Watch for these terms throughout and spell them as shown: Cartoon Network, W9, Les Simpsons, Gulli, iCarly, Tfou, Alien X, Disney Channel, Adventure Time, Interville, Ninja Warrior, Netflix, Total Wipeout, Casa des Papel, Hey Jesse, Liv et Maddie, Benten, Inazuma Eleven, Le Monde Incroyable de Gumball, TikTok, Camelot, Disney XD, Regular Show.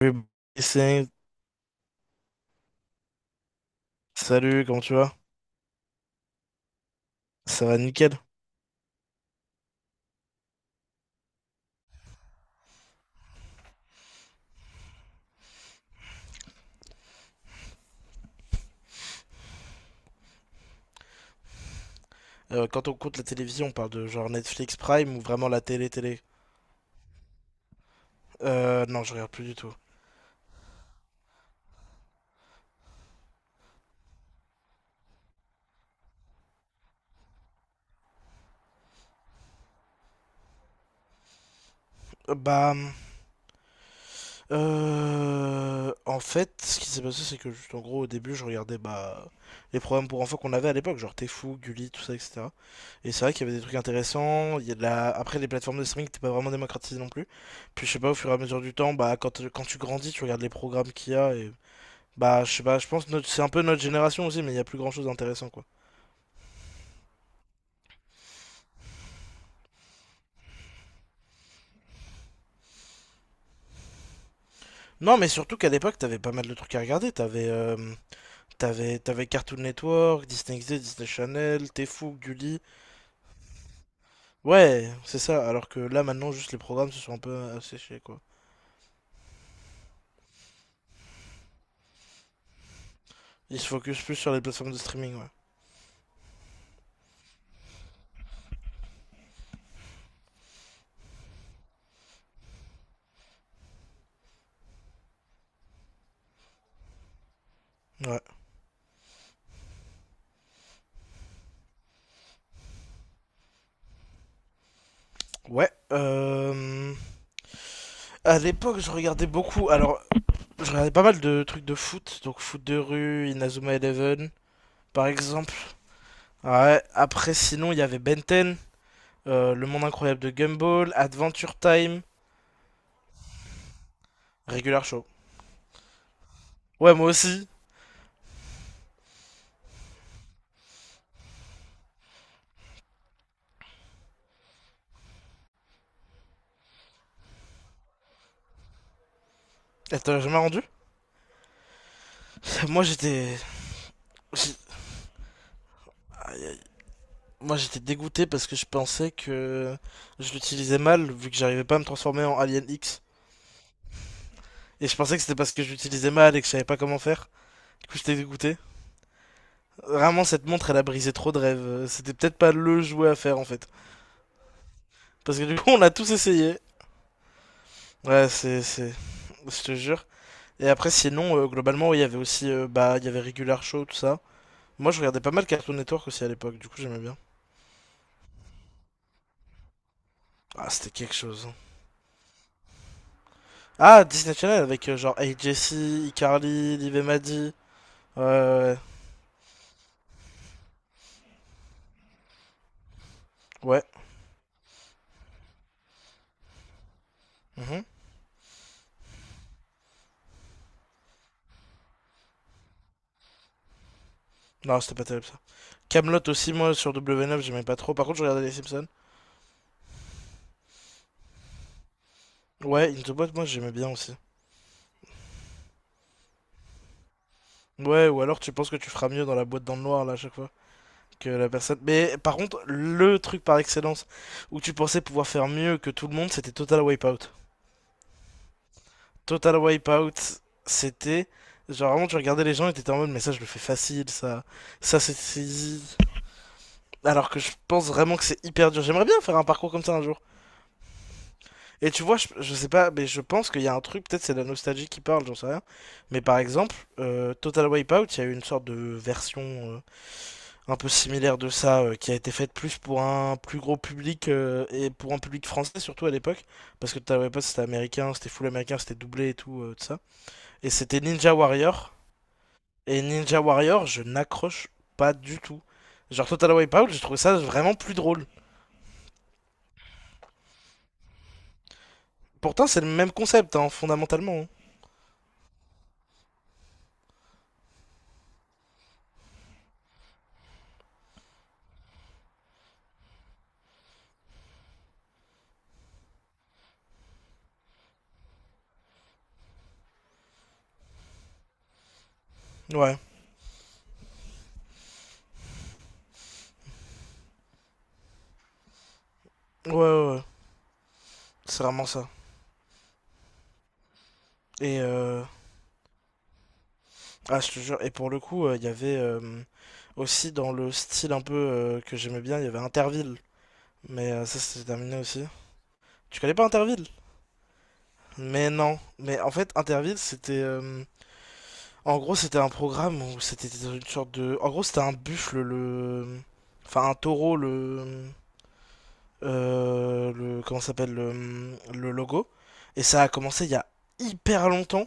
Oui, c'est- Salut, comment tu vas? Ça va nickel. Quand on compte la télévision, on parle de genre Netflix Prime ou vraiment la télé-télé? Non, je regarde plus du tout. Euh, Bah, En fait, ce qui s'est passé, c'est que juste en gros, au début, je regardais bah les programmes pour enfants qu'on avait à l'époque, genre T'es fou, Gulli, tout ça, etc. Et c'est vrai qu'il y avait des trucs intéressants. Il y a de la... Après, les plateformes de streaming n'étaient pas vraiment démocratisées non plus. Puis je sais pas, au fur et à mesure du temps, bah quand tu grandis, tu regardes les programmes qu'il y a et bah, je sais pas, je pense que c'est un peu notre génération aussi, mais il y a plus grand chose d'intéressant quoi. Non, mais surtout qu'à l'époque, t'avais pas mal de trucs à regarder. T'avais Cartoon Network, Disney XD, Disney Channel, Tfou, Gulli. Ouais, c'est ça. Alors que là, maintenant, juste les programmes se sont un peu asséchés quoi. Ils se focus plus sur les plateformes de streaming, ouais. Ouais. Ouais. À l'époque, je regardais beaucoup. Alors, je regardais pas mal de trucs de foot. Donc, foot de rue, Inazuma Eleven, par exemple. Ouais. Après, sinon, il y avait Benten. Le Monde Incroyable de Gumball, Adventure Time, Regular Show. Ouais, moi aussi. Attends, j'ai jamais rendu? Moi, j'ai- Moi, j'étais dégoûté parce que je pensais que je l'utilisais mal, vu que j'arrivais pas à me transformer en Alien X. Et je pensais que c'était parce que je l'utilisais mal et que je savais pas comment faire. Du coup, j'étais dégoûté. Vraiment, cette montre, elle a brisé trop de rêves. C'était peut-être pas le jouet à faire, en fait. Parce que du coup, on a tous essayé. Ouais, Je te jure. Et après, sinon, globalement, ouais, il y avait aussi... bah, il y avait Regular Show, tout ça. Moi, je regardais pas mal Cartoon Network aussi à l'époque, du coup, j'aimais bien. Ah, c'était quelque chose, hein. Ah, Disney Channel avec genre Hey Jesse, iCarly, Liv et Maddie. Ouais, ouais, ouais. Ouais. Mhm. Non, c'était pas terrible ça. Camelot aussi, moi, sur W9, j'aimais pas trop. Par contre, je regardais les Simpsons. Ouais, Into Boîte, moi, j'aimais bien aussi. Ouais, ou alors tu penses que tu feras mieux dans la boîte dans le noir, là, à chaque fois, que la personne. Mais par contre, le truc par excellence où tu pensais pouvoir faire mieux que tout le monde, c'était Total Wipeout. Total Wipeout, c'était. Genre, vraiment, tu regardais les gens et t'étais en mode, mais ça, je le fais facile, ça. Ça, c'est easy. Alors que je pense vraiment que c'est hyper dur. J'aimerais bien faire un parcours comme ça un jour. Et tu vois, je sais pas, mais je pense qu'il y a un truc, peut-être c'est la nostalgie qui parle, j'en sais rien. Mais par exemple, Total Wipeout, il y a eu une sorte de version un peu similaire de ça qui a été faite plus pour un plus gros public et pour un public français surtout à l'époque. Parce que Total Wipeout, c'était américain, c'était full américain, c'était doublé et tout, tout ça. Et c'était Ninja Warrior. Et Ninja Warrior, je n'accroche pas du tout. Genre Total Wipeout, j'ai trouvé ça vraiment plus drôle. Pourtant, c'est le même concept, hein, fondamentalement, hein. Ouais, ouais, ouais, ouais. C'est vraiment ça. Et euh, ah, je te jure. Et pour le coup, il y avait aussi dans le style un peu que j'aimais bien, il y avait Interville. Ça, c'était terminé aussi. Tu connais pas Interville? Mais non. Mais en fait, Interville, c'était en gros, c'était un programme où c'était une sorte de. En gros, c'était un buffle, le. Enfin, un taureau, le. Le comment s'appelle le logo et ça a commencé il y a hyper longtemps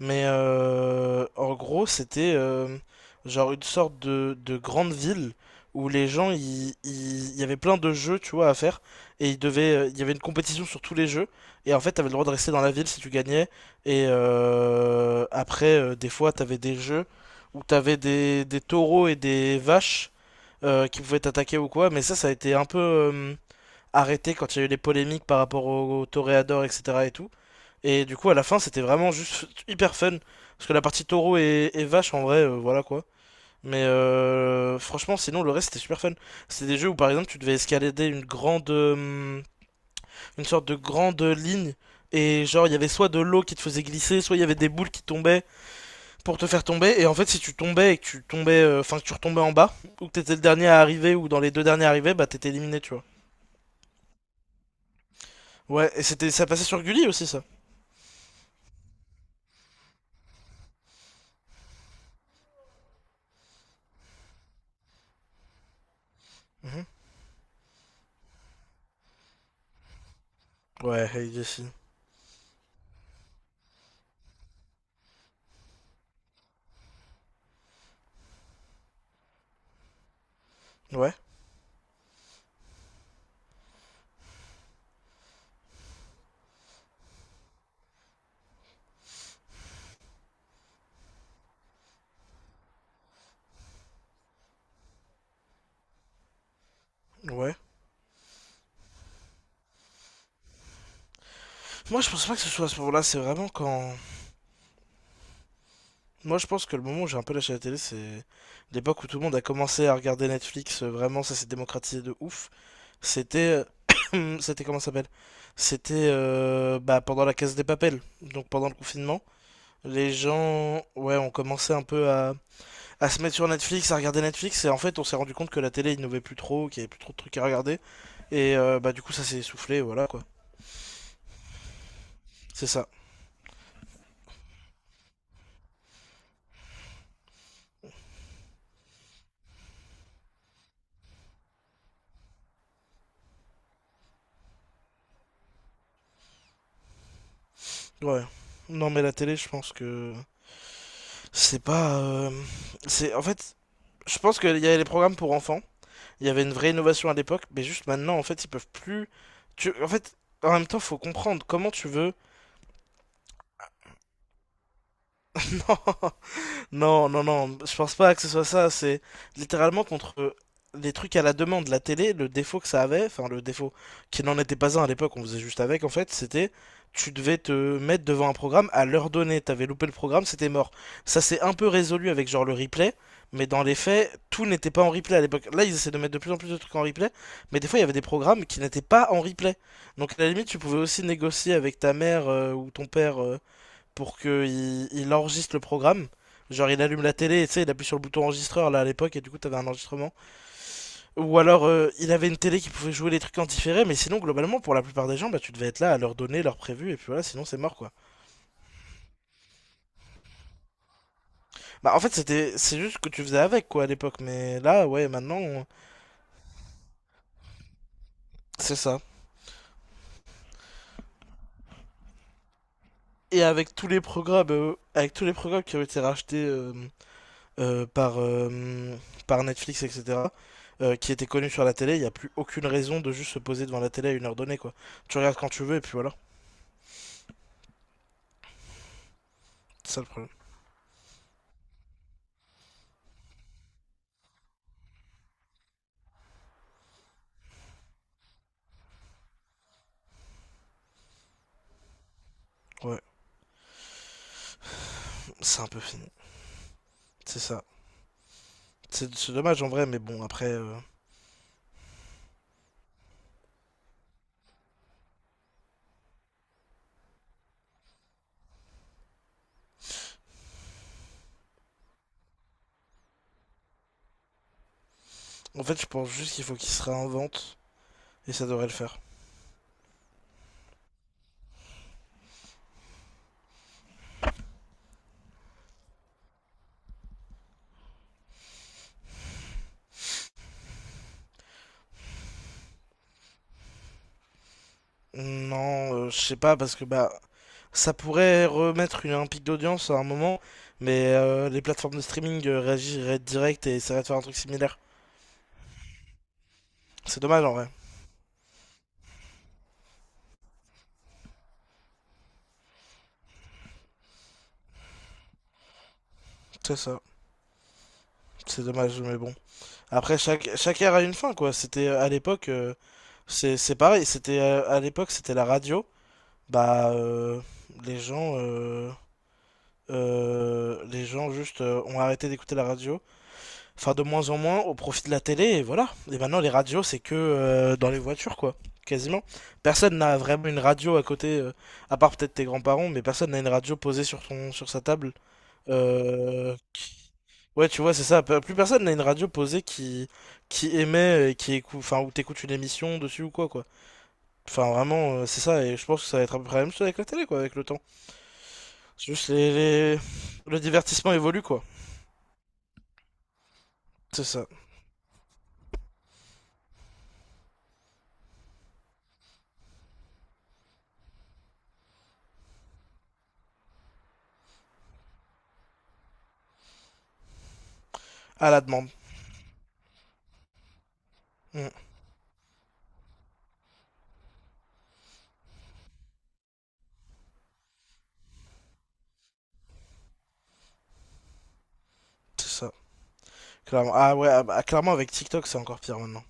en gros c'était genre une sorte de grande ville où les gens il y avait plein de jeux tu vois à faire et ils devaient il y avait une compétition sur tous les jeux et en fait t'avais le droit de rester dans la ville si tu gagnais et après des fois t'avais des jeux où t'avais des taureaux et des vaches qui pouvaient t'attaquer ou quoi mais ça a été un peu arrêté quand il y a eu les polémiques par rapport au, au toréador, etc. et tout. Et du coup, à la fin, c'était vraiment juste hyper fun. Parce que la partie taureau et vache, en vrai, voilà quoi. Franchement, sinon, le reste, c'était super fun. C'est des jeux où, par exemple, tu devais escalader une grande. Une sorte de grande ligne. Et genre, il y avait soit de l'eau qui te faisait glisser, soit il y avait des boules qui tombaient pour te faire tomber. Et en fait, si tu tombais et que tu tombais. Enfin, que tu retombais en bas, ou que t'étais le dernier à arriver, ou dans les deux derniers arrivés, bah t'étais éliminé, tu vois. Ouais, et c'était, ça passait sur Gulli aussi, ça. Mhm. Ouais, Hey Jessie. Ouais, ouais. Moi, je pense pas que ce soit à ce moment-là, c'est vraiment quand... Moi, je pense que le moment où j'ai un peu lâché la télé, c'est l'époque où tout le monde a commencé à regarder Netflix, vraiment, ça s'est démocratisé de ouf. C'était... C'était comment ça s'appelle? Pendant la Casa des Papel, donc pendant le confinement. Les gens, ouais, ont commencé un peu à se mettre sur Netflix, à regarder Netflix, et en fait, on s'est rendu compte que la télé innovait plus trop, qu'il y avait plus trop de trucs à regarder, et bah, du coup, ça s'est essoufflé, voilà quoi. C'est ça. Ouais. Non, mais la télé, je pense que c'est pas. C'est en fait, je pense qu'il y avait les programmes pour enfants. Il y avait une vraie innovation à l'époque, mais juste maintenant, en fait, ils peuvent plus. En fait, en même temps, faut comprendre comment tu veux. Non. Non, non, non, je pense pas que ce soit ça. C'est littéralement contre des trucs à la demande. La télé, le défaut que ça avait, enfin le défaut qui n'en était pas un à l'époque, on faisait juste avec en fait, c'était tu devais te mettre devant un programme à l'heure donnée. T'avais loupé le programme, c'était mort. Ça s'est un peu résolu avec genre le replay, mais dans les faits, tout n'était pas en replay à l'époque. Là, ils essaient de mettre de plus en plus de trucs en replay, mais des fois, il y avait des programmes qui n'étaient pas en replay. Donc à la limite, tu pouvais aussi négocier avec ta mère ou ton père pour qu'il il enregistre le programme. Genre il allume la télé et tu sais, il appuie sur le bouton enregistreur là à l'époque et du coup t'avais un enregistrement. Ou alors il avait une télé qui pouvait jouer les trucs en différé, mais sinon globalement pour la plupart des gens bah tu devais être là à leur donner leur prévu et puis voilà sinon c'est mort quoi. Bah en fait c'est juste ce que tu faisais avec quoi à l'époque mais là ouais maintenant on- c'est ça. Et avec tous les programmes avec tous les programmes qui ont été rachetés euh, par, euh, par Netflix, etc., qui étaient connus sur la télé, il n'y a plus aucune raison de juste se poser devant la télé à une heure donnée, quoi. Tu regardes quand tu veux, et puis voilà. C'est ça le problème. Ouais, c'est un peu fini. C'est ça. C'est dommage en vrai, mais bon, après... En fait, je pense juste qu'il faut qu'il se réinvente, et ça devrait le faire. Non, je sais pas, parce que bah... Ça pourrait remettre une, un pic d'audience à un moment, mais les plateformes de streaming réagiraient direct et essaieraient de faire un truc similaire. C'est dommage en vrai. C'est ça. C'est dommage, mais bon. Après, chaque ère a une fin, quoi. C'est pareil. C'était À l'époque, c'était la radio. Bah, euh, les gens, euh, les gens juste ont arrêté d'écouter la radio. Enfin, de moins en moins, au profit de la télé, et voilà. Et maintenant, les radios, c'est que dans les voitures, quoi. Quasiment. Personne n'a vraiment une radio à côté, à part peut-être tes grands-parents, mais personne n'a une radio posée sur son, sur sa table, euh, ouais, tu vois, c'est ça. Plus personne n'a une radio posée qui émet, et qui écoute, enfin, où t'écoutes une émission dessus ou quoi, quoi. Enfin, vraiment, c'est ça, et je pense que ça va être à peu près la même chose avec la télé, quoi, avec le temps. C'est juste les- le divertissement évolue, quoi. C'est ça. À la demande. Mm, c'est ça. Clairement. Ah ouais, ah bah, clairement, avec TikTok, c'est encore pire maintenant.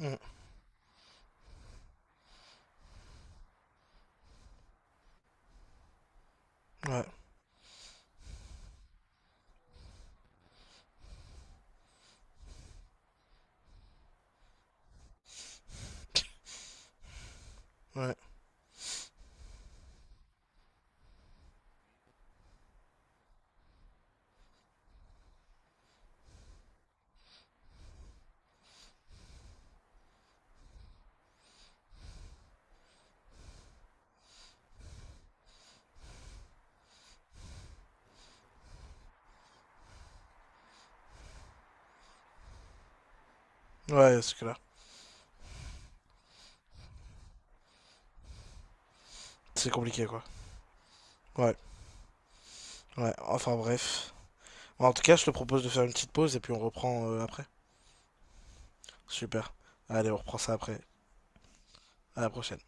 Mm, ouais, ouais. Ouais, c'est clair. C'est compliqué, quoi. Ouais, ouais. Enfin, bref. Bon, en tout cas, je te propose de faire une petite pause et puis on reprend après. Super. Allez, on reprend ça après. À la prochaine.